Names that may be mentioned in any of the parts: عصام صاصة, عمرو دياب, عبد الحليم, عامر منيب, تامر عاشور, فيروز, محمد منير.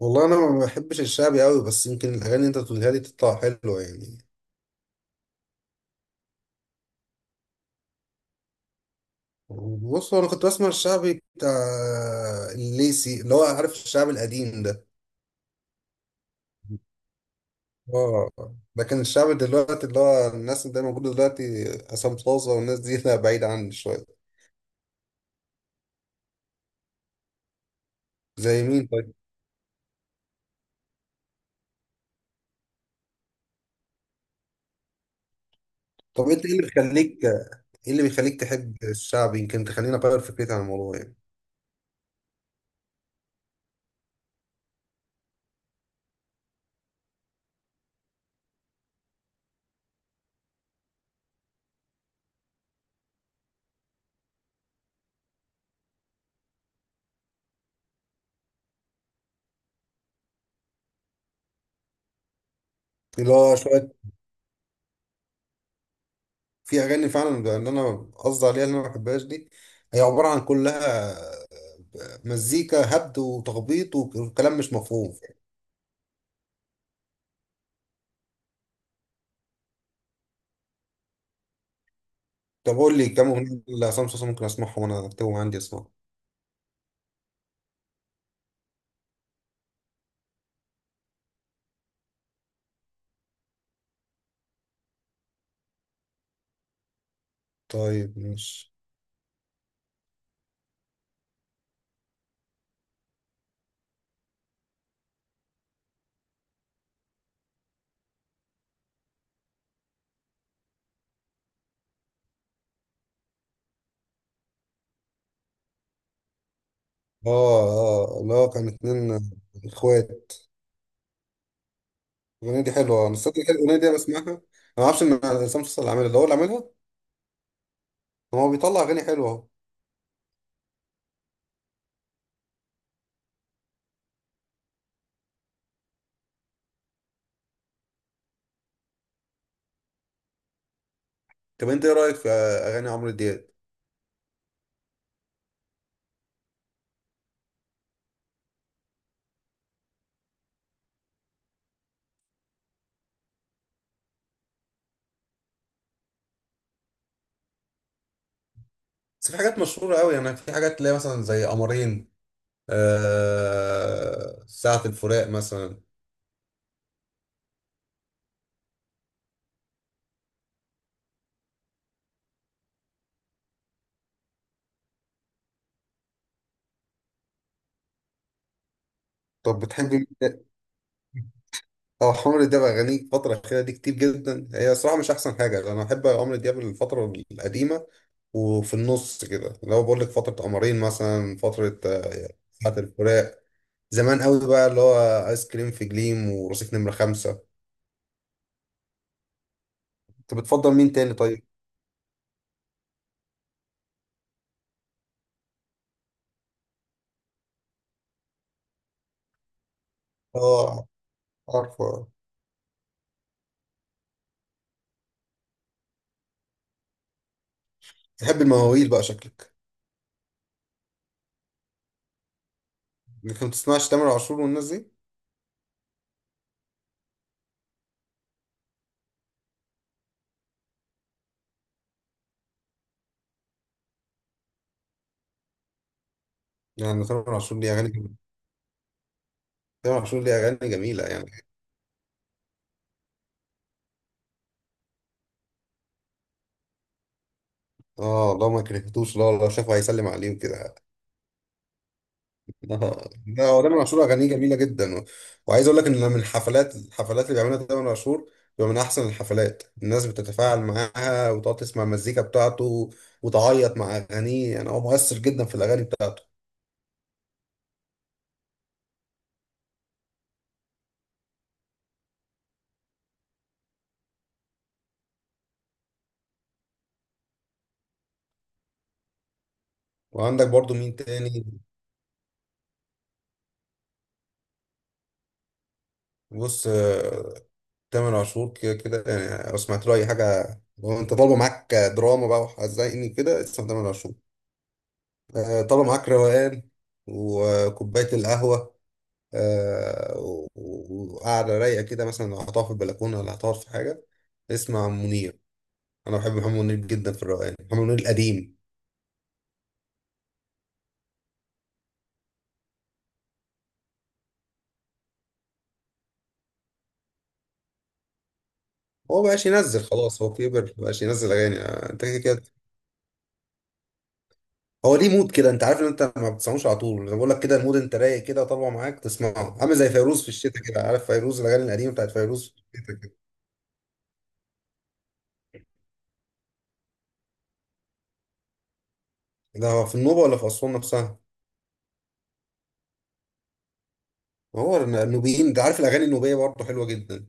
والله انا ما بحبش الشعبي قوي، بس يمكن الاغاني اللي انت بتقولها لي تطلع حلوه يعني. بص، هو انا كنت بسمع الشعبي بتاع الليسي اللي هو عارف الشعب القديم ده. اه. لكن الشعب دلوقتي اللي هو الناس اللي موجوده دلوقتي عصام صاصه والناس دي، لا بعيد عني شويه. زي مين طيب؟ طب انت ايه اللي بيخليك تحب الشعبي، يمكن تخليني اغير فكرتي عن الموضوع يعني. اللي هو شويه، في اغاني فعلا ان انا قصدي عليها اللي انا ما بحبهاش دي، هي عباره عن كلها مزيكا هبد وتخبيط وكلام مش مفهوم. طب قول لي كام اغنيه لعصام صاصا ممكن اسمعهم، وانا اكتبهم عندي اسمعهم. طيب ماشي. اه. اه، لا كان اتنين اخوات. الاغنيه دي حلوه، انا الصدق كده الاغنيه دي أنا بسمعها انا. ما اعرفش ان عصام صاصا اللي عاملها ده هو اللي عاملها. طب هو بيطلع اغاني حلوه اهو. طب انت ايه رايك في اغاني عمرو دياب؟ بس في حاجات مشهوره قوي يعني، في حاجات تلاقي مثلا زي قمرين، ساعة الفراق مثلا. طب بتحبي. اه، عمرو دياب اغانيه الفتره الاخيره دي كتير جدا، هي صراحه مش احسن حاجه. انا بحب عمرو دياب الفتره القديمه، وفي النص كده اللي هو بقول لك فتره قمرين مثلا، فتره ساعه الفراق، زمان قوي بقى، اللي هو ايس كريم في جليم ورصيف نمره 5. انت بتفضل مين تاني طيب؟ اه، عارفه. تحب المواويل بقى شكلك. لكن ما بتسمعش تامر عاشور والناس دي. يعني تامر عاشور ليه اغاني جميله، تامر عاشور ليه اغاني جميله يعني. اه والله، ما كرهتوش، لا لا، شافه هيسلم عليه كده. ده. هو تامر عاشور اغانيه جميله جدا، وعايز اقول لك ان من الحفلات اللي بيعملها تامر عاشور بيبقى من احسن الحفلات. الناس بتتفاعل معاها وتقعد تسمع المزيكا بتاعته، وتعيط مع اغانيه. يعني هو مؤثر جدا في الاغاني بتاعته. وعندك برضو مين تاني؟ بص، تامر عاشور كده كده يعني، لو سمعت له اي حاجه. لو انت طالبه معاك دراما بقى وحزيني كده، اسمع تامر عاشور. طالبه معاك روقان وكوبايه القهوه، وقاعدة رايقة كده مثلا، لو هتقعد في البلكونة ولا هتقعد في حاجة، اسمع منير. أنا بحب محمد منير جدا في الروقان، محمد منير القديم. هو مبقاش ينزل خلاص، هو كبر مبقاش ينزل أغاني، أنت كده كده. هو ليه مود كده، أنت عارف إن أنت ما بتسمعوش على طول. أنا بقول لك كده، المود أنت رايق كده طالع معاك تسمعه، عامل زي فيروز في الشتاء كده، عارف فيروز الأغاني القديمة بتاعت فيروز. ده هو في النوبة ولا في أسوان نفسها؟ هو النوبيين، أنت عارف الأغاني النوبية برضه حلوة جدا،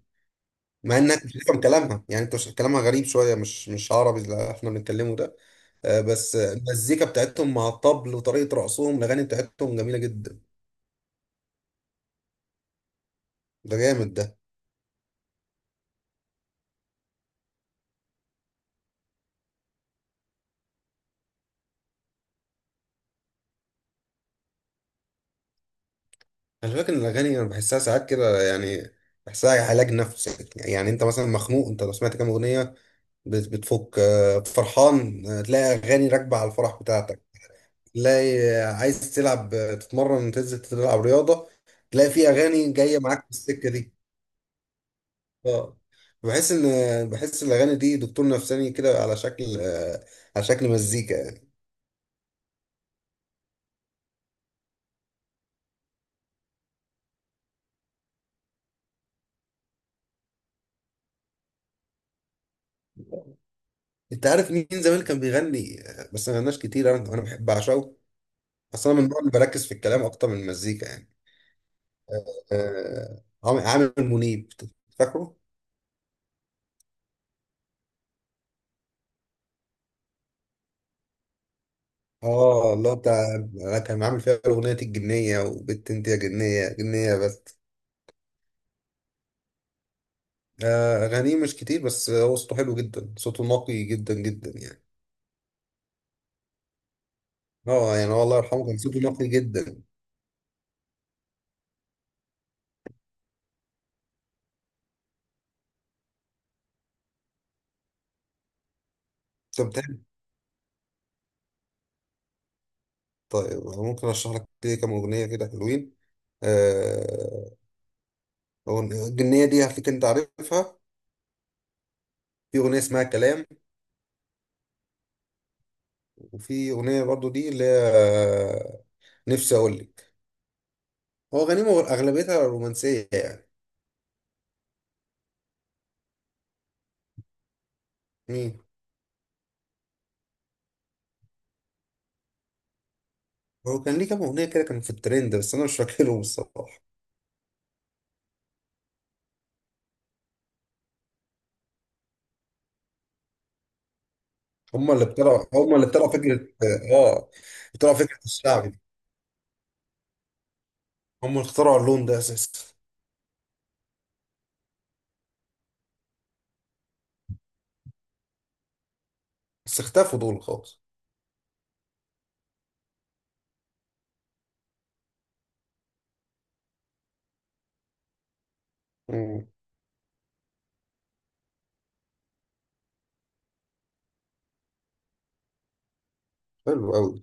مع انك مش هتفهم كلامها يعني، انت كلامها غريب شويه، مش عربي اللي احنا بنتكلمه ده. بس المزيكا بتاعتهم مع الطبل وطريقة رقصهم، الأغاني بتاعتهم جميلة جدا. ده جامد ده. أنا فاكر إن الأغاني أنا بحسها ساعات كده يعني، بحسها علاج نفسي يعني. أنت مثلا مخنوق أنت، لو سمعت كام أغنية بتفك. فرحان، تلاقي أغاني راكبة على الفرح بتاعتك. تلاقي عايز تلعب، تتمرن تنزل تلعب رياضة، تلاقي في أغاني جاية معاك في السكة دي. اه. بحس إن الأغاني دي دكتور نفساني كده، على شكل مزيكا. انت عارف مين زمان كان بيغني، بس ما غناش كتير، انا بحب اعشقه، اصلا من النوع اللي بركز في الكلام اكتر من المزيكا يعني. عامر منيب. فاكره؟ اه الله، بتاع كان عامل فيها اغنيه الجنيه، وبت انت يا جنيه جنيه بس. اغانيه مش كتير، بس هو صوته حلو جدا، صوته نقي جدا جدا يعني. اه يعني هو الله يرحمه كان صوته نقي جدا. طب بتحب. طيب ممكن اشرح لك كده كام اغنيه كده حلوين. آه الجنيه دي هتلاقيك انت عارفها. في اغنيه اسمها كلام، وفي اغنيه برضو دي اللي هي، نفسي اقول لك، هو غنيمه اغلبيتها رومانسيه يعني. مين. هو كان ليه كام اغنيه كده كانوا في الترند، بس انا مش فاكرهم الصراحه. هم اللي اخترعوا فكره. اه اخترعوا فكره الشعب دي، هم اللي اخترعوا اللون ده اساسا. بس اختفوا دول خالص. مم. حلو قوي.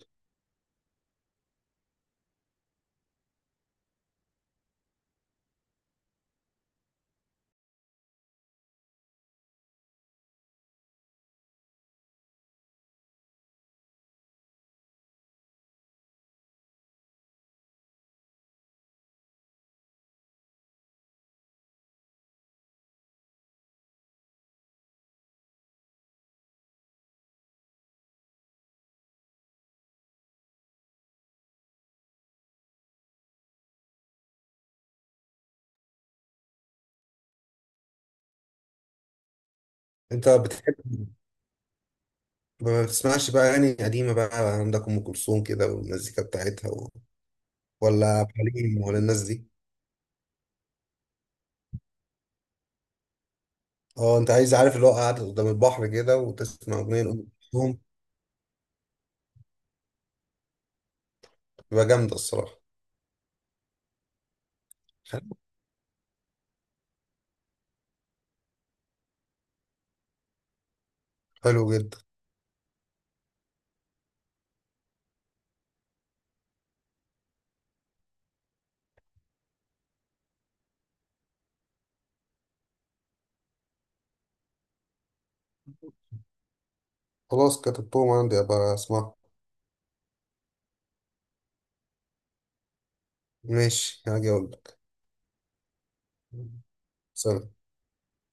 انت بتحب. ما بتسمعش بقى اغاني قديمه بقى؟ عندك ام كلثوم كده والمزيكا بتاعتها ولا عبد الحليم ولا الناس دي؟ اه. انت عايز عارف اللي هو قاعد قدام البحر كده، وتسمع اغنيه لأم كلثوم، تبقى جامده الصراحه. حلو. حلو جدا. خلاص كتبتهم عندي ابقى اسمعهم. ماشي، هاجي اقول لك. سلام.